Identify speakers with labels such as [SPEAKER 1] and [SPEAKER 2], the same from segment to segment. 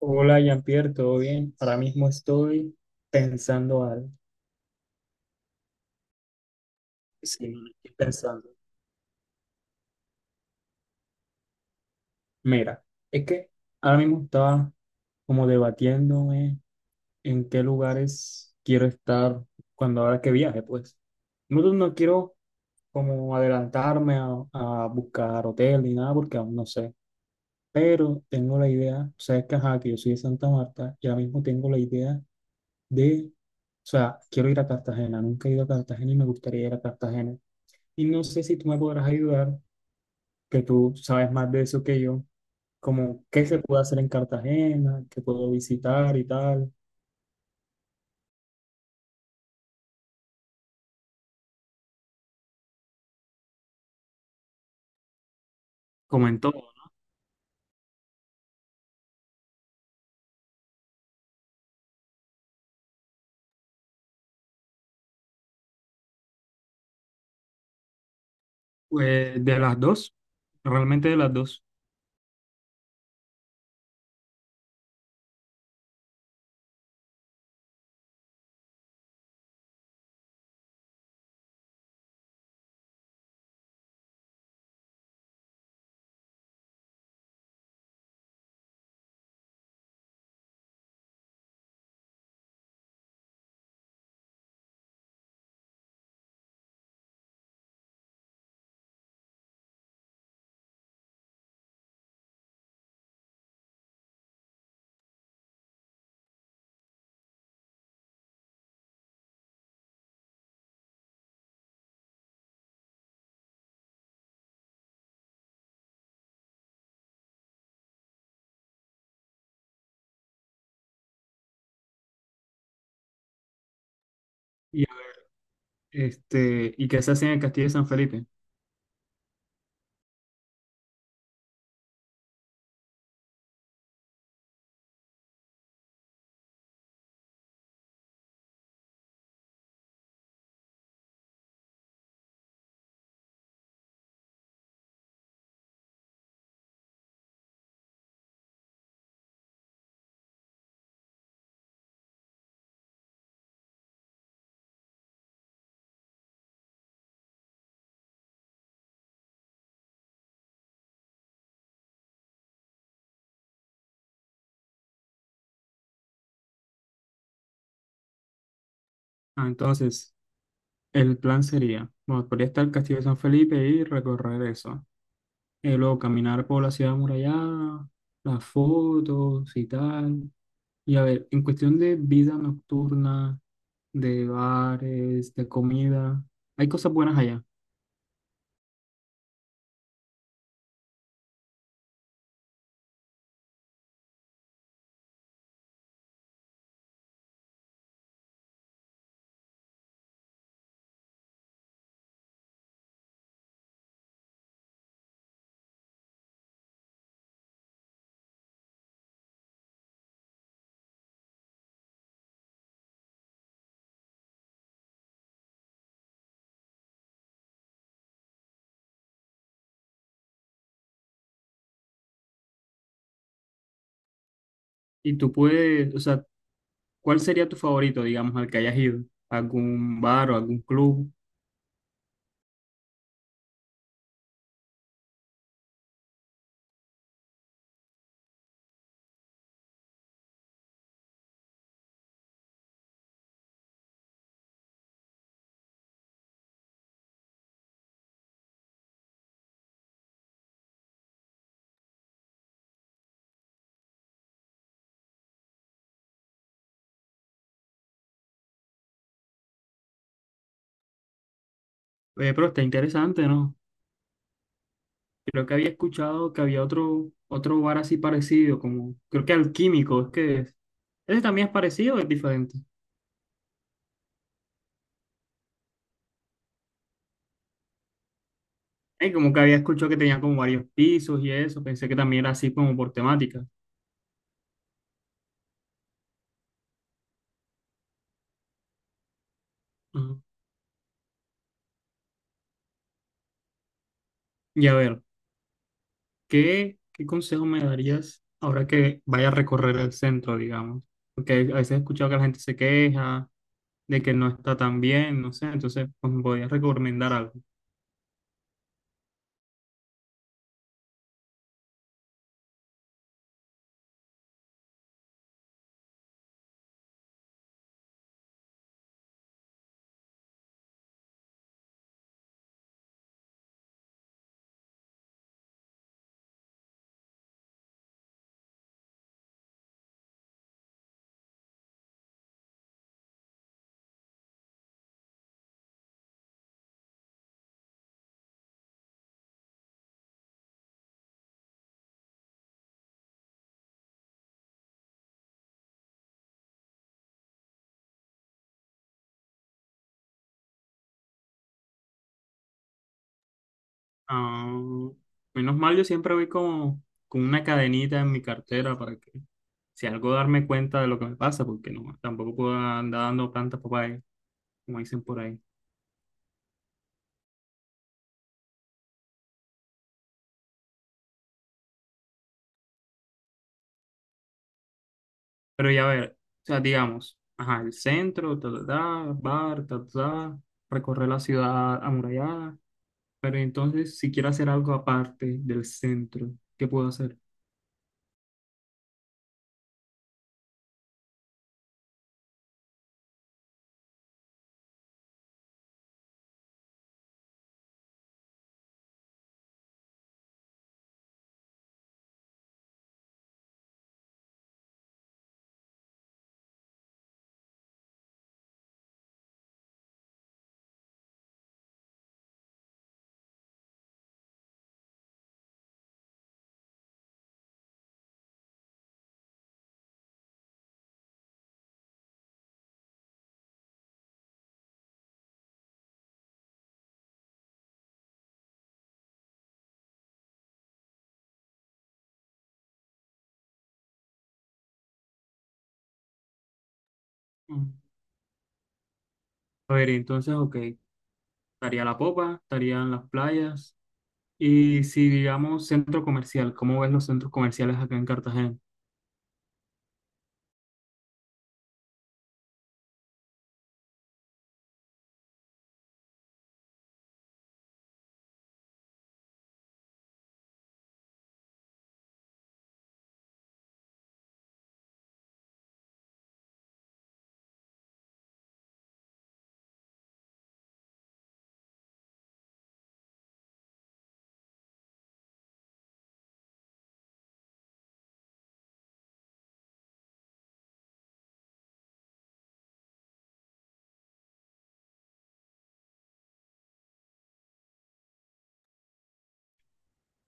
[SPEAKER 1] Hola, Jean-Pierre, ¿todo bien? Ahora mismo estoy pensando algo. Sí, no estoy pensando. Mira, es que ahora mismo estaba como debatiéndome en qué lugares quiero estar cuando ahora que viaje, pues. No quiero como adelantarme a buscar hotel ni nada porque aún no sé. Pero tengo la idea, o sea, es que ajá, que yo soy de Santa Marta y ahora mismo tengo la idea de, o sea, quiero ir a Cartagena. Nunca he ido a Cartagena y me gustaría ir a Cartagena. Y no sé si tú me podrás ayudar, que tú sabes más de eso que yo, como qué se puede hacer en Cartagena, qué puedo visitar y tal. Como en todo, pues de las dos, realmente de las dos. Y, este, y que se hace en el Castillo de San Felipe. Ah, entonces, el plan sería, bueno, podría estar el Castillo de San Felipe y recorrer eso. Luego caminar por la ciudad amurallada, las fotos y tal. Y a ver, en cuestión de vida nocturna, de bares, de comida. Hay cosas buenas allá. Y tú puedes, o sea, ¿cuál sería tu favorito, digamos, al que hayas ido? ¿Algún bar o algún club? Pero está interesante, ¿no? Creo que había escuchado que había otro bar así parecido, como, creo que Alquímico, es que es. ¿Ese también es parecido o es diferente? Como que había escuchado que tenía como varios pisos y eso, pensé que también era así como por temática. Ujú. Y a ver. ¿Qué consejo me darías ahora que vaya a recorrer el centro, digamos? Porque a veces he escuchado que la gente se queja de que no está tan bien, no sé, entonces pues, me podrías recomendar algo. Ah, menos mal, yo siempre voy como con una cadenita en mi cartera para que si algo darme cuenta de lo que me pasa, porque no, tampoco puedo andar dando plantas papaya, como dicen por ahí. Pero ya ver, o sea, digamos, ajá, el centro, ta, ta, ta, bar, ta, ta, ta, recorrer la ciudad amurallada. Pero entonces, si quiero hacer algo aparte del centro, ¿qué puedo hacer? Mm. A ver, entonces, ok, estaría la popa, estarían las playas. Y si digamos centro comercial, ¿cómo ves los centros comerciales acá en Cartagena?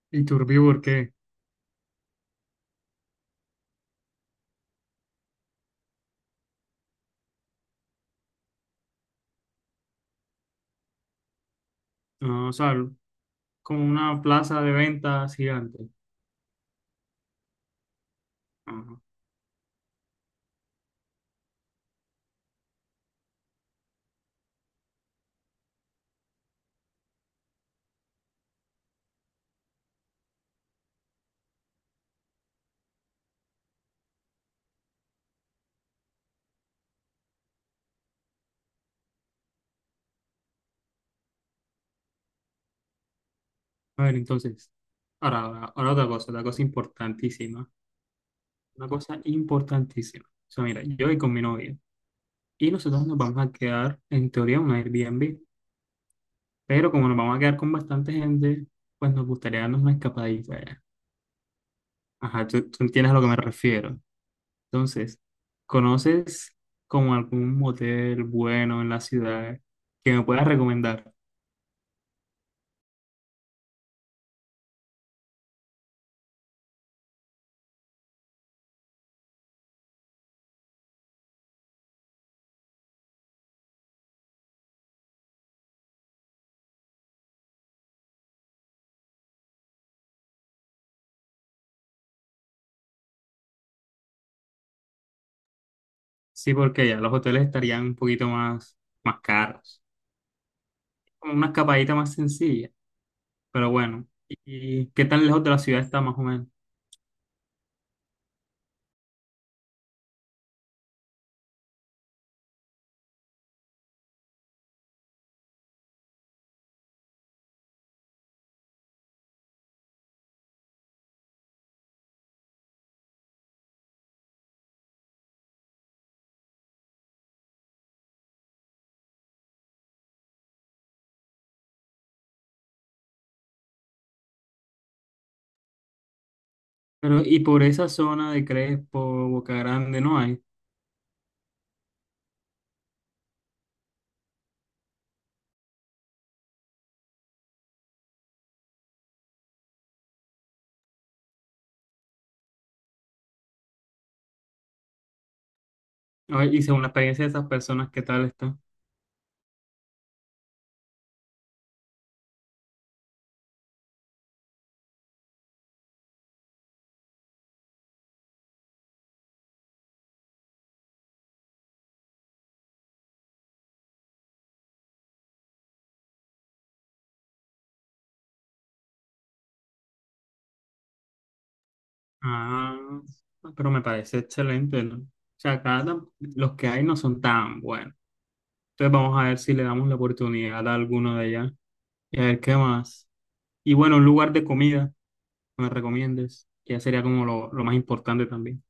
[SPEAKER 1] ¿Y Turbí por qué? Ah, o sea, como una plaza de ventas gigante. Ajá. A ver, entonces, ahora otra cosa importantísima. Una cosa importantísima. O sea, mira, yo voy con mi novia y nosotros nos vamos a quedar, en teoría, en un Airbnb. Pero como nos vamos a quedar con bastante gente, pues nos gustaría darnos una escapadita allá. Ajá, tú entiendes a lo que me refiero. Entonces, ¿conoces como algún motel bueno en la ciudad que me puedas recomendar? Sí, porque ya los hoteles estarían un poquito más, más caros. Como una escapadita más sencilla, pero bueno. ¿Y qué tan lejos de la ciudad está más o menos? Pero, y por esa zona de Crespo, Boca Grande, no hay. A ver, y según la experiencia de esas personas, ¿qué tal está? Ah, pero me parece excelente, ¿no? O sea, acá tam- los que hay no son tan buenos. Entonces vamos a ver si le damos la oportunidad a alguno de allá y a ver qué más. Y bueno, un lugar de comida que me recomiendes, que ya sería como lo más importante también.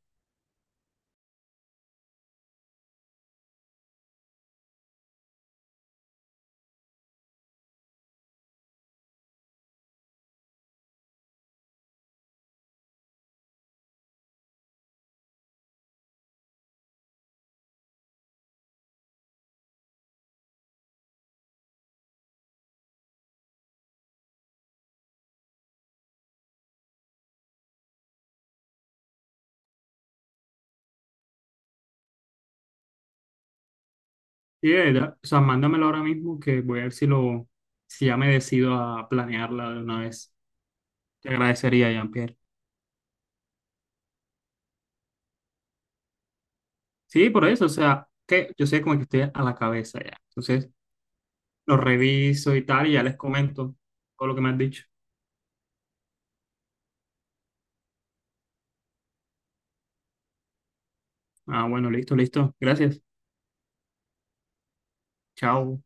[SPEAKER 1] Y de verdad, o sea, mándamelo ahora mismo que voy a ver si lo, si ya me decido a planearla de una vez. Te agradecería, Jean-Pierre. Sí, por eso, o sea, que yo sé como que estoy a la cabeza ya. Entonces, lo reviso y tal y ya les comento todo lo que me has dicho. Ah, bueno, listo, listo. Gracias. Chao.